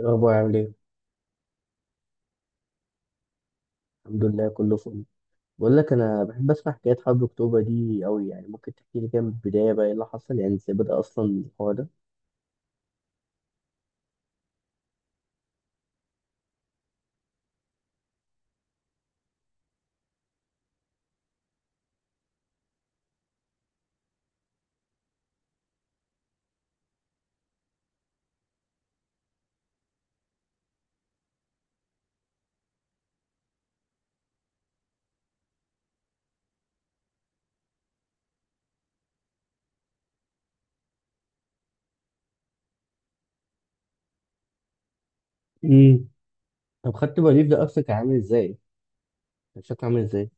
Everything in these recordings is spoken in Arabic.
إيه الأخبار عامل إيه؟ الحمد لله كله فل. بقول لك أنا بحب أسمع حكايات حرب أكتوبر دي أوي، يعني ممكن تحكي لي كده من البداية بقى إيه اللي حصل، يعني إزاي بدأ أصلا الحوار ده؟ امم طب خدت بريف ده أصلا كان عامل إزاي؟ كان شكله عامل إزاي؟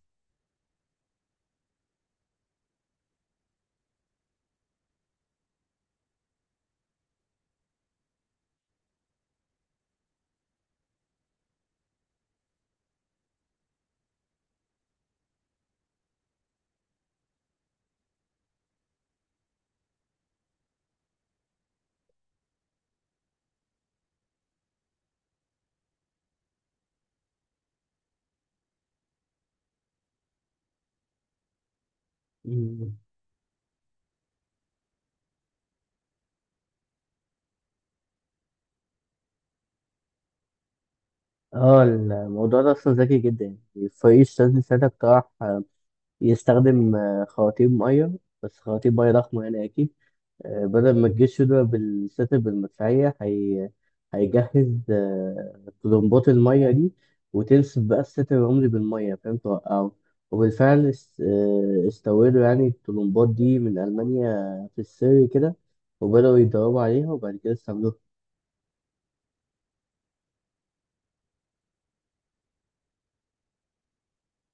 مم. آه، الموضوع ده أصلا ذكي جدا. يعني فريق الشاذلي ساعتها اقترح يستخدم خواتيم مية، بس خواتيم مية ضخمة يعني أكيد. بدل ما الجيش يضرب بالستر بالمدفعية هيجهز طلمبات المية دي، وتنسف بقى الستر العمري بالمية. فاهم توقعه. وبالفعل استوردوا يعني الطلمبات دي من ألمانيا في السر كده، وبدأوا يتدربوا عليها وبعد كده استعملوها.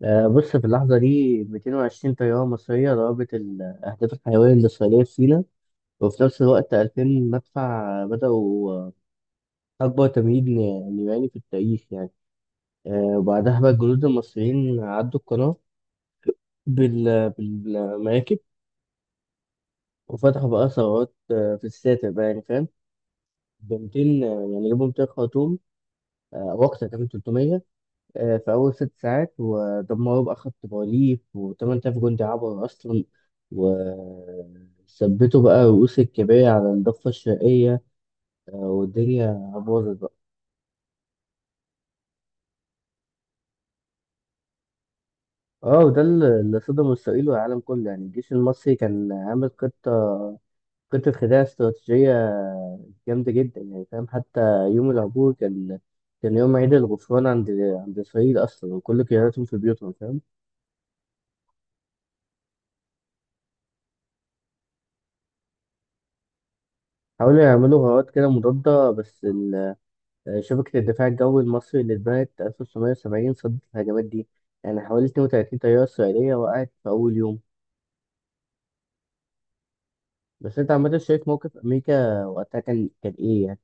بص، في اللحظة دي 220 طيارة مصرية ضربت الأهداف الحيوية الإسرائيلية في سيناء، وفي نفس الوقت 2000 مدفع بدأوا أكبر تمهيد نيراني في التاريخ يعني. وبعدها بقى الجنود المصريين عدوا القناة بالمراكب، وفتحوا بقى ثروات في الساتر بقى يعني فاهم. ب 200 يعني جابوا 200 خرطوم وقتها، كمان 300 في أول ست ساعات، ودمروا بقى خط بارليف، و8000 جندي عبر أصلا، وثبتوا بقى رؤوس الكباري على الضفة الشرقية. والدنيا باظت بقى. اه، وده اللي صدم إسرائيل والعالم كله، يعني الجيش المصري كان عامل خطة، كنت في خداع استراتيجية جامدة جدا يعني فاهم. حتى يوم العبور كان يوم عيد الغفران عند إسرائيل أصلا، وكل قياداتهم في بيوتهم فاهم. حاولوا يعملوا غارات كده مضادة، بس شبكة الدفاع الجوي المصري اللي اتبنت 1970 صدت الهجمات دي، يعني حوالي 32 طيارة إسرائيلية وقعت في أول يوم. بس أنت عامة شايف موقف أمريكا وقتها كان إيه يعني؟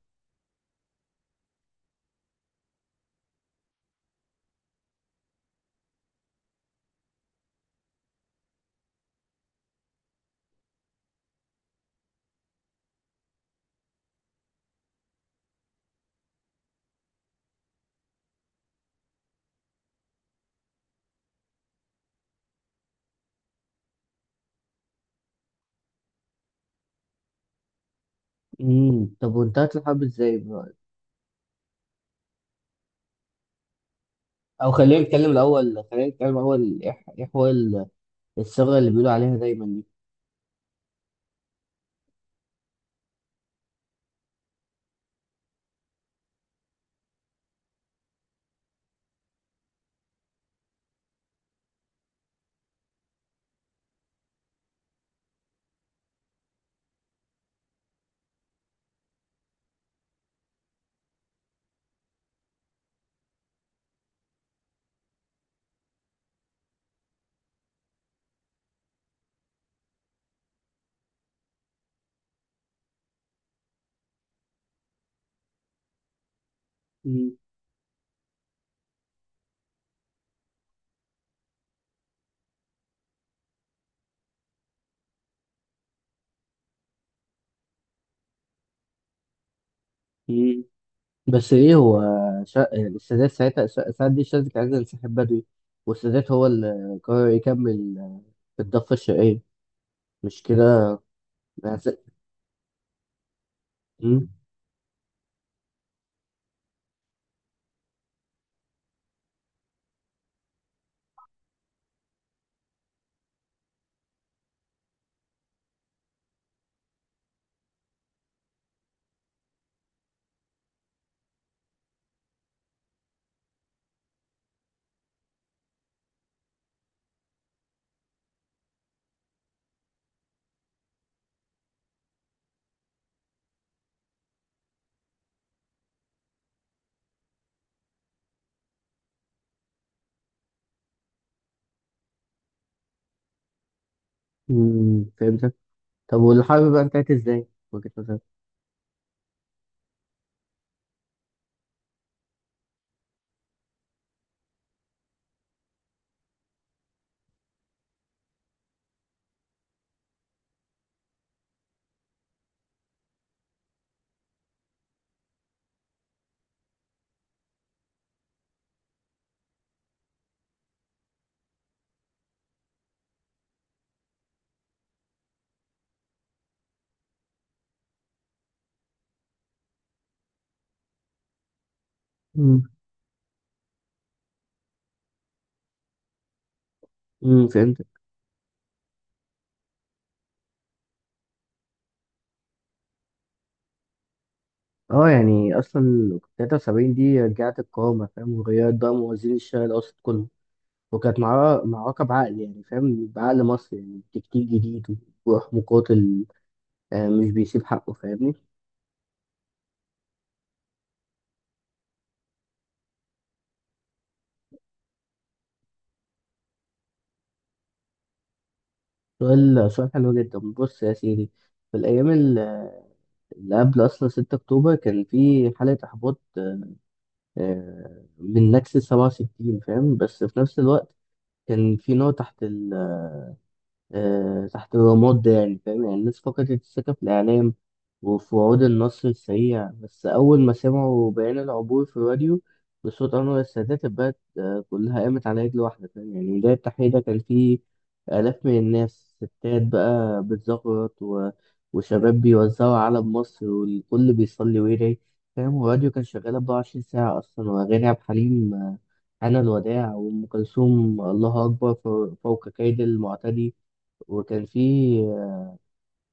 طب وانتهت الحرب إزاي بقى؟ أو خلينا نتكلم الأول، خلينا نتكلم الأول، إيه حوار الثغرة اللي بيقولوا عليها دايما دي. مم. مم. بس ايه هو يعني السادات ساعتها ساعات دي الشاذلي كان عايز ينسحب بدري، والسادات هو اللي قرر يكمل في الضفة الشرقية. مش كده؟ هس- مم. مم. فهمتك. طب والحرب بقى انتهت ازاي؟ وجهة نظرك. مم. مم. فهمتك. اه، يعني اصلا 73 دي رجعت القوامة فاهم، وغيرت بقى موازين الشرق الاوسط كله، وكانت معركة بعقل، يعني فاهم بعقل مصري، يعني تكتيك جديد وروح مقاتل، مش بيسيب حقه فاهمني. سؤال حلو جدا، بص يا سيدي. في الأيام اللي قبل أصلا 6 أكتوبر كان في حالة إحباط من نكسة 67 فاهم، بس في نفس الوقت كان في نار تحت تحت الرماد ده، يعني فاهم، يعني الناس فقدت الثقة في الإعلام وفي وعود النصر السريع. بس أول ما سمعوا بيان العبور في الراديو بصوت أنور السادات، البلد كلها قامت على رجل واحدة فاهم، يعني ميدان التحرير ده كان فيه آلاف من الناس، ستات بقى بتزغرط وشباب بيوزعوا علم مصر، والكل بيصلي ويدعي فاهم. والراديو كان شغال 24 ساعة أصلا، وأغاني عبد الحليم أنا الوداع، وأم كلثوم الله أكبر فوق كيد المعتدي. وكان في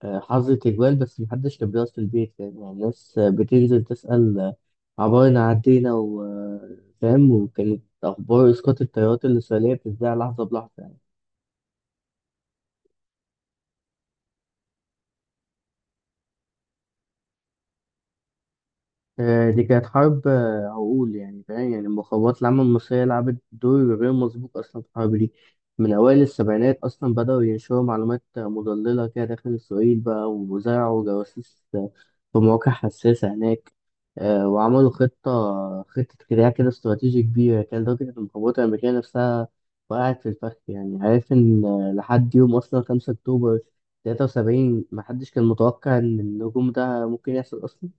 حظر تجوال، بس محدش كان بيقف في البيت فاهم، يعني الناس بتنزل تسأل عبارنا عدينا وفاهم، وكانت أخبار إسقاط الطيارات الإسرائيلية بتتذاع لحظة بلحظة يعني. دي كانت حرب عقول، يعني فاهم، يعني المخابرات العامة المصرية لعبت دور غير مسبوق أصلا في الحرب دي. من أوائل السبعينات أصلا بدأوا ينشروا معلومات مضللة كده داخل إسرائيل بقى، وزرعوا جواسيس في مواقع حساسة هناك. وعملوا خطة كده استراتيجي كبيرة، كان لدرجة إن القوات الأمريكية نفسها وقعت في الفخ، يعني عارف إن لحد يوم أصلا 5 أكتوبر 73 محدش كان متوقع إن الهجوم ده ممكن يحصل أصلا.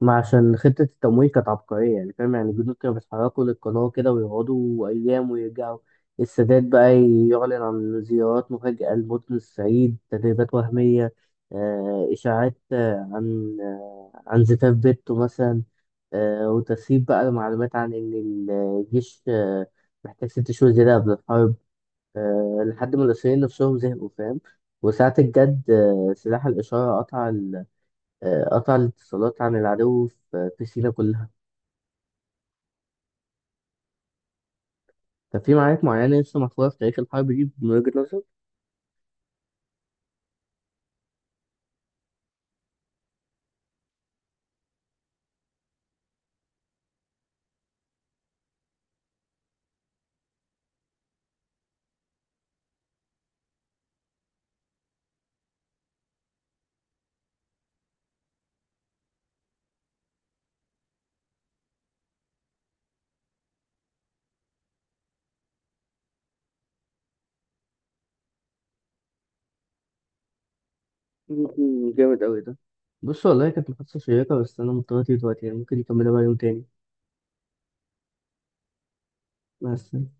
ما عشان خطة التمويل كانت عبقرية يعني فاهم، يعني الجدود كانوا بيتحركوا للقناة كده ويقعدوا أيام ويرجعوا. السادات بقى يعلن عن زيارات مفاجئة لمدن الصعيد، تدريبات وهمية، إشاعات عن زفاف بيته مثلا. وتسريب بقى المعلومات عن إن الجيش محتاج ست شهور زيادة قبل الحرب، لحد ما المصريين نفسهم زهقوا فاهم. وساعة الجد سلاح الإشارة قطع، قطع الاتصالات عن العدو في سينا كلها. طب في معارك معينة لسه محفورة في تاريخ الحرب دي من وجهة نظرك؟ مم، جامد أوي ده. بص والله كانت محادثة شيقة، بس أنا مضطر أطير دلوقتي، يعني ممكن نكملها بقى يوم تاني. مع السلامة